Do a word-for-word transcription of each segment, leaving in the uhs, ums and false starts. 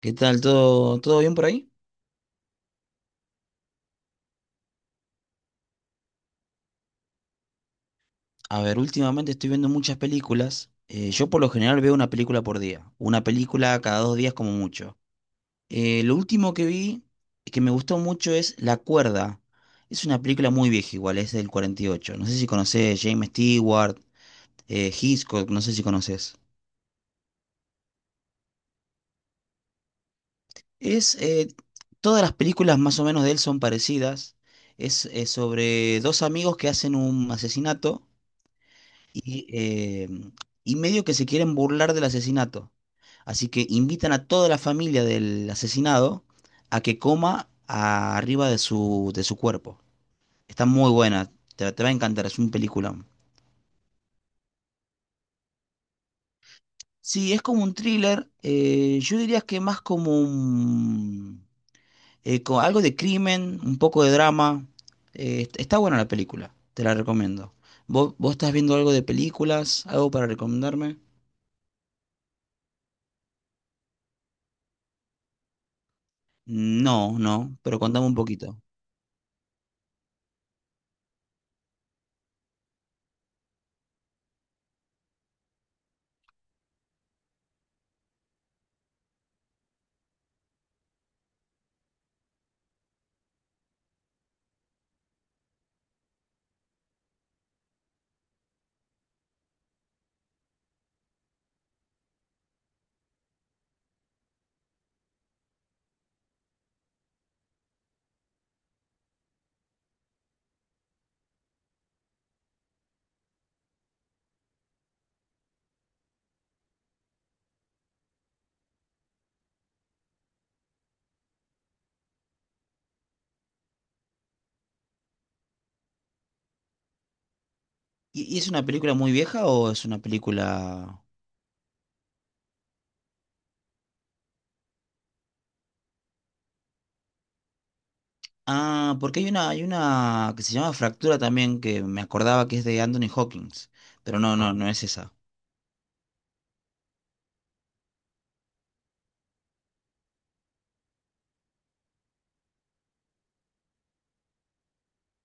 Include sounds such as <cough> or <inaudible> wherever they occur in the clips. ¿Qué tal? ¿Todo, todo bien por ahí? A ver, últimamente estoy viendo muchas películas. Eh, yo por lo general veo una película por día, una película cada dos días como mucho. Eh, lo último que vi que me gustó mucho es La Cuerda. Es una película muy vieja igual, es del cuarenta y ocho. No sé si conoces James Stewart, eh, Hitchcock, no sé si conoces. Es, eh, Todas las películas más o menos de él son parecidas. Es, eh, sobre dos amigos que hacen un asesinato y, eh, y medio que se quieren burlar del asesinato. Así que invitan a toda la familia del asesinado a que coma a- arriba de su, de su cuerpo. Está muy buena, te, te va a encantar, es un peliculón. Sí, es como un thriller, eh, yo diría que más como un, eh, co- algo de crimen, un poco de drama. Eh, est- está buena la película, te la recomiendo. ¿Vos, vos estás viendo algo de películas? ¿Algo para recomendarme? No, no, pero contame un poquito. ¿Y, y es una película muy vieja o es una película? Ah, porque hay una, hay una que se llama Fractura también, que me acordaba que es de Anthony Hawkins, pero no, no, no es esa.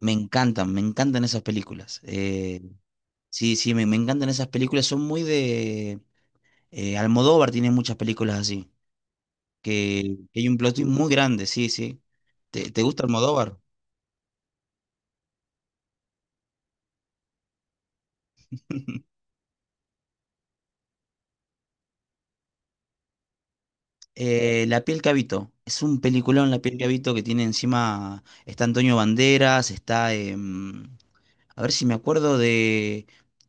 Me encantan, me encantan esas películas. Eh, sí, sí, me, me encantan esas películas, son muy de eh, Almodóvar tiene muchas películas así, que, que hay un plot twist muy grande, sí, sí. ¿Te, te gusta Almodóvar? Eh, La piel que habito, es un peliculón La piel que habito que tiene encima, está Antonio Banderas, está em, a ver si me acuerdo de,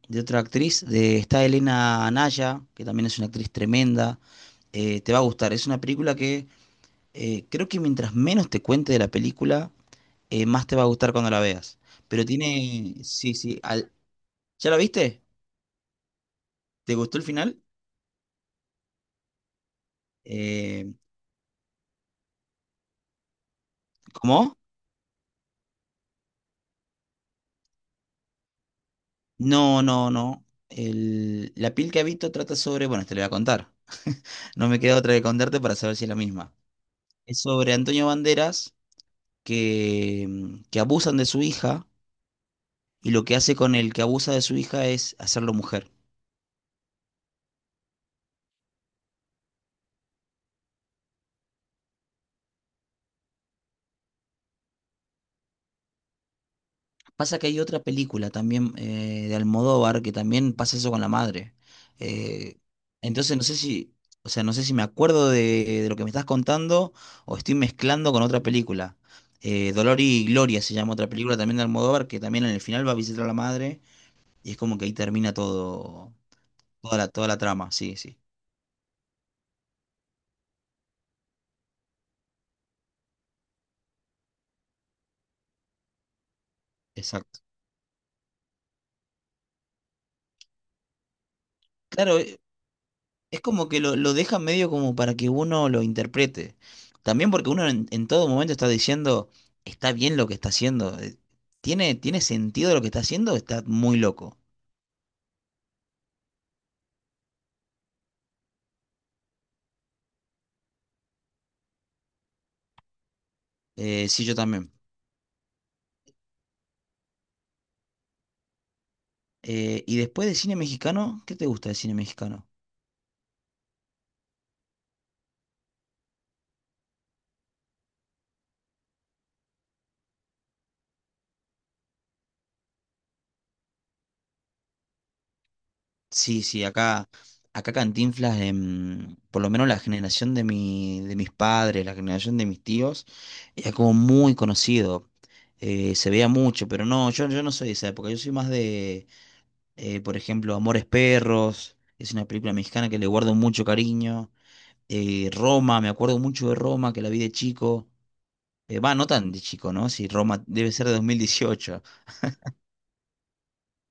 de otra actriz, de está Elena Anaya, que también es una actriz tremenda. Eh, te va a gustar. Es una película que eh, creo que mientras menos te cuente de la película, eh, más te va a gustar cuando la veas. Pero tiene, sí, sí. al- ¿Ya la viste? ¿Te gustó el final? Eh, ¿Cómo? No, no, no. El- La piel que habito trata sobre, bueno, te lo voy a contar. No me queda otra que contarte para saber si es la misma. Es sobre Antonio Banderas que, que abusan de su hija y lo que hace con el que abusa de su hija es hacerlo mujer. Pasa que hay otra película también eh, de Almodóvar que también pasa eso con la madre. Eh, entonces no sé si, o sea, no sé si me acuerdo de, de lo que me estás contando o estoy mezclando con otra película. Eh, Dolor y Gloria se llama otra película también de Almodóvar que también en el final va a visitar a la madre y es como que ahí termina todo, toda la, toda la trama, sí, sí, exacto. Claro, eh, es como que lo, lo deja medio como para que uno lo interprete. También porque uno en, en todo momento está diciendo, está bien lo que está haciendo. eh, ¿Tiene, tiene sentido lo que está haciendo? Está muy loco. Eh, sí, yo también. Eh, y después de cine mexicano, ¿qué te gusta de cine mexicano? Sí, sí, acá, acá Cantinflas, em, por lo menos la generación de mi, de mis padres, la generación de mis tíos, era como muy conocido. Eh, se veía mucho, pero no, yo, yo no soy de esa época, yo soy más de Eh, por ejemplo, Amores Perros, es una película mexicana que le guardo mucho cariño. Eh, Roma, me acuerdo mucho de Roma, que la vi de chico. Eh, va, no tan de chico, ¿no? Si Roma debe ser de dos mil dieciocho.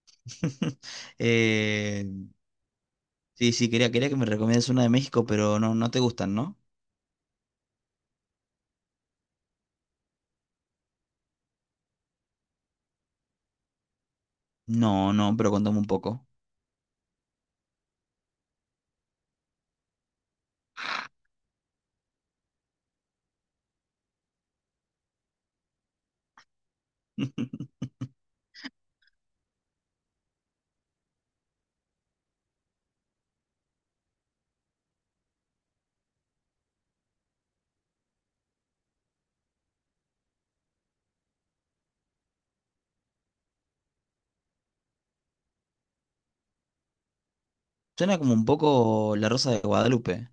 <laughs> Eh, sí, sí, quería, quería que me recomiendas una de México, pero no, no te gustan, ¿no? No, no, pero contame un poco. <laughs> Suena como un poco La Rosa de Guadalupe.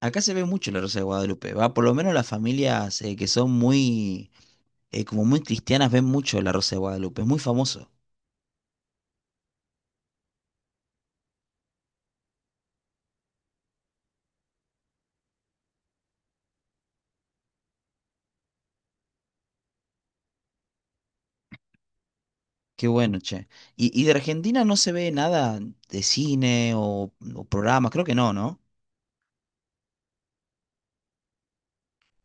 Acá se ve mucho La Rosa de Guadalupe, va, por lo menos las familias eh, que son muy, eh, como muy cristianas ven mucho La Rosa de Guadalupe, es muy famoso. Qué bueno, che. ¿Y, y de Argentina no se ve nada de cine o, o programas? Creo que no, ¿no?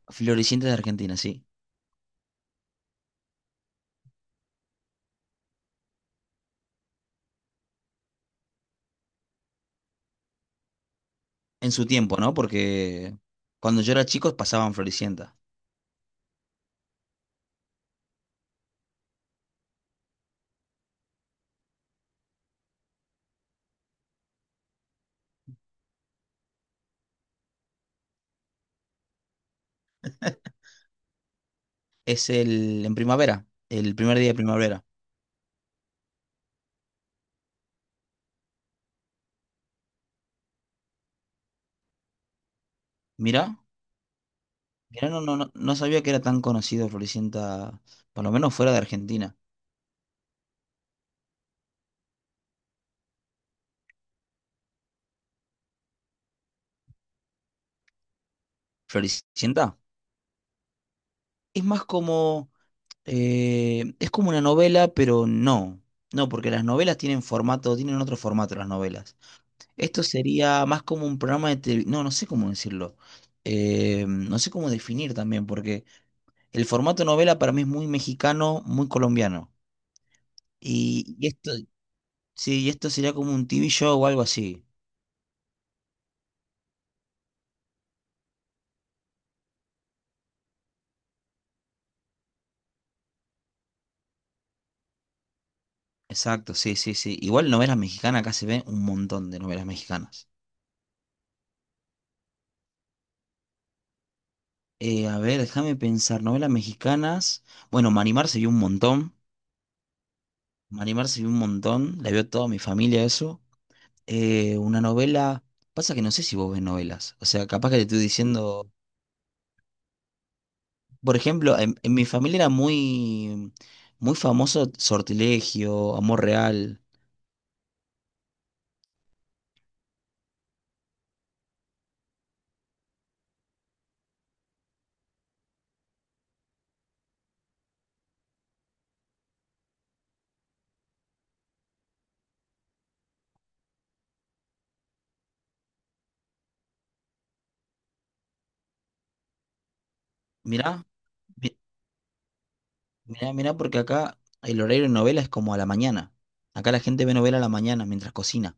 Floricienta de Argentina, sí. En su tiempo, ¿no? Porque cuando yo era chico pasaban Floricienta. Es el en primavera, el primer día de primavera. Mirá, mirá, no, no, no, no sabía que era tan conocido Floricienta, por lo menos fuera de Argentina. Floricienta es más como, eh, es como una novela, pero no. No, porque las novelas tienen formato, tienen otro formato las novelas. Esto sería más como un programa de televisión. No, no sé cómo decirlo. Eh, no sé cómo definir también, porque el formato novela para mí es muy mexicano, muy colombiano. Y, y esto, sí, y esto sería como un T V show o algo así. Exacto, sí, sí, sí. Igual novelas mexicanas, acá se ven un montón de novelas mexicanas. Eh, a ver, déjame pensar, novelas mexicanas. Bueno, Manimar se vio un montón. Manimar se vio un montón. La vio toda mi familia eso. Eh, una novela. Pasa que no sé si vos ves novelas. O sea, capaz que te estoy diciendo. Por ejemplo, en, en mi familia era muy, muy famoso Sortilegio, Amor Real. Mirá, mi- mirá, mirá, porque acá el horario de novela es como a la mañana. Acá la gente ve novela a la mañana mientras cocina.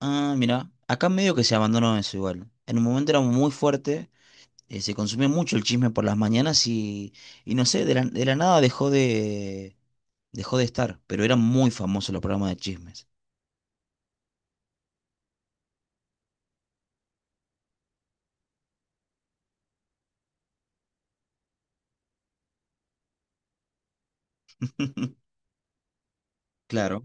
Ah, mirá. Acá medio que se abandonó eso igual. En un momento era muy fuerte. Eh, se consumía mucho el chisme por las mañanas y, y no sé, de la, de la nada dejó de, dejó de estar, pero eran muy famosos los programas de chismes. <laughs> Claro,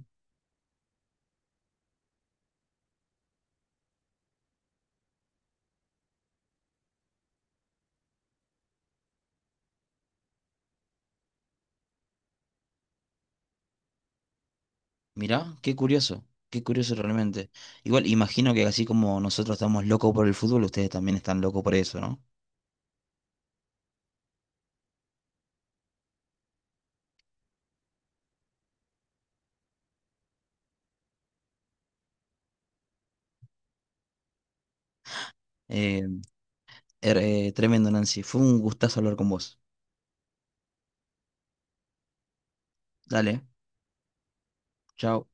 mirá, qué curioso, qué curioso realmente. Igual, imagino que así como nosotros estamos locos por el fútbol, ustedes también están locos por eso, ¿no? Eh, er- eh, Tremendo, Nancy. Fue un gustazo hablar con vos. Dale, chao.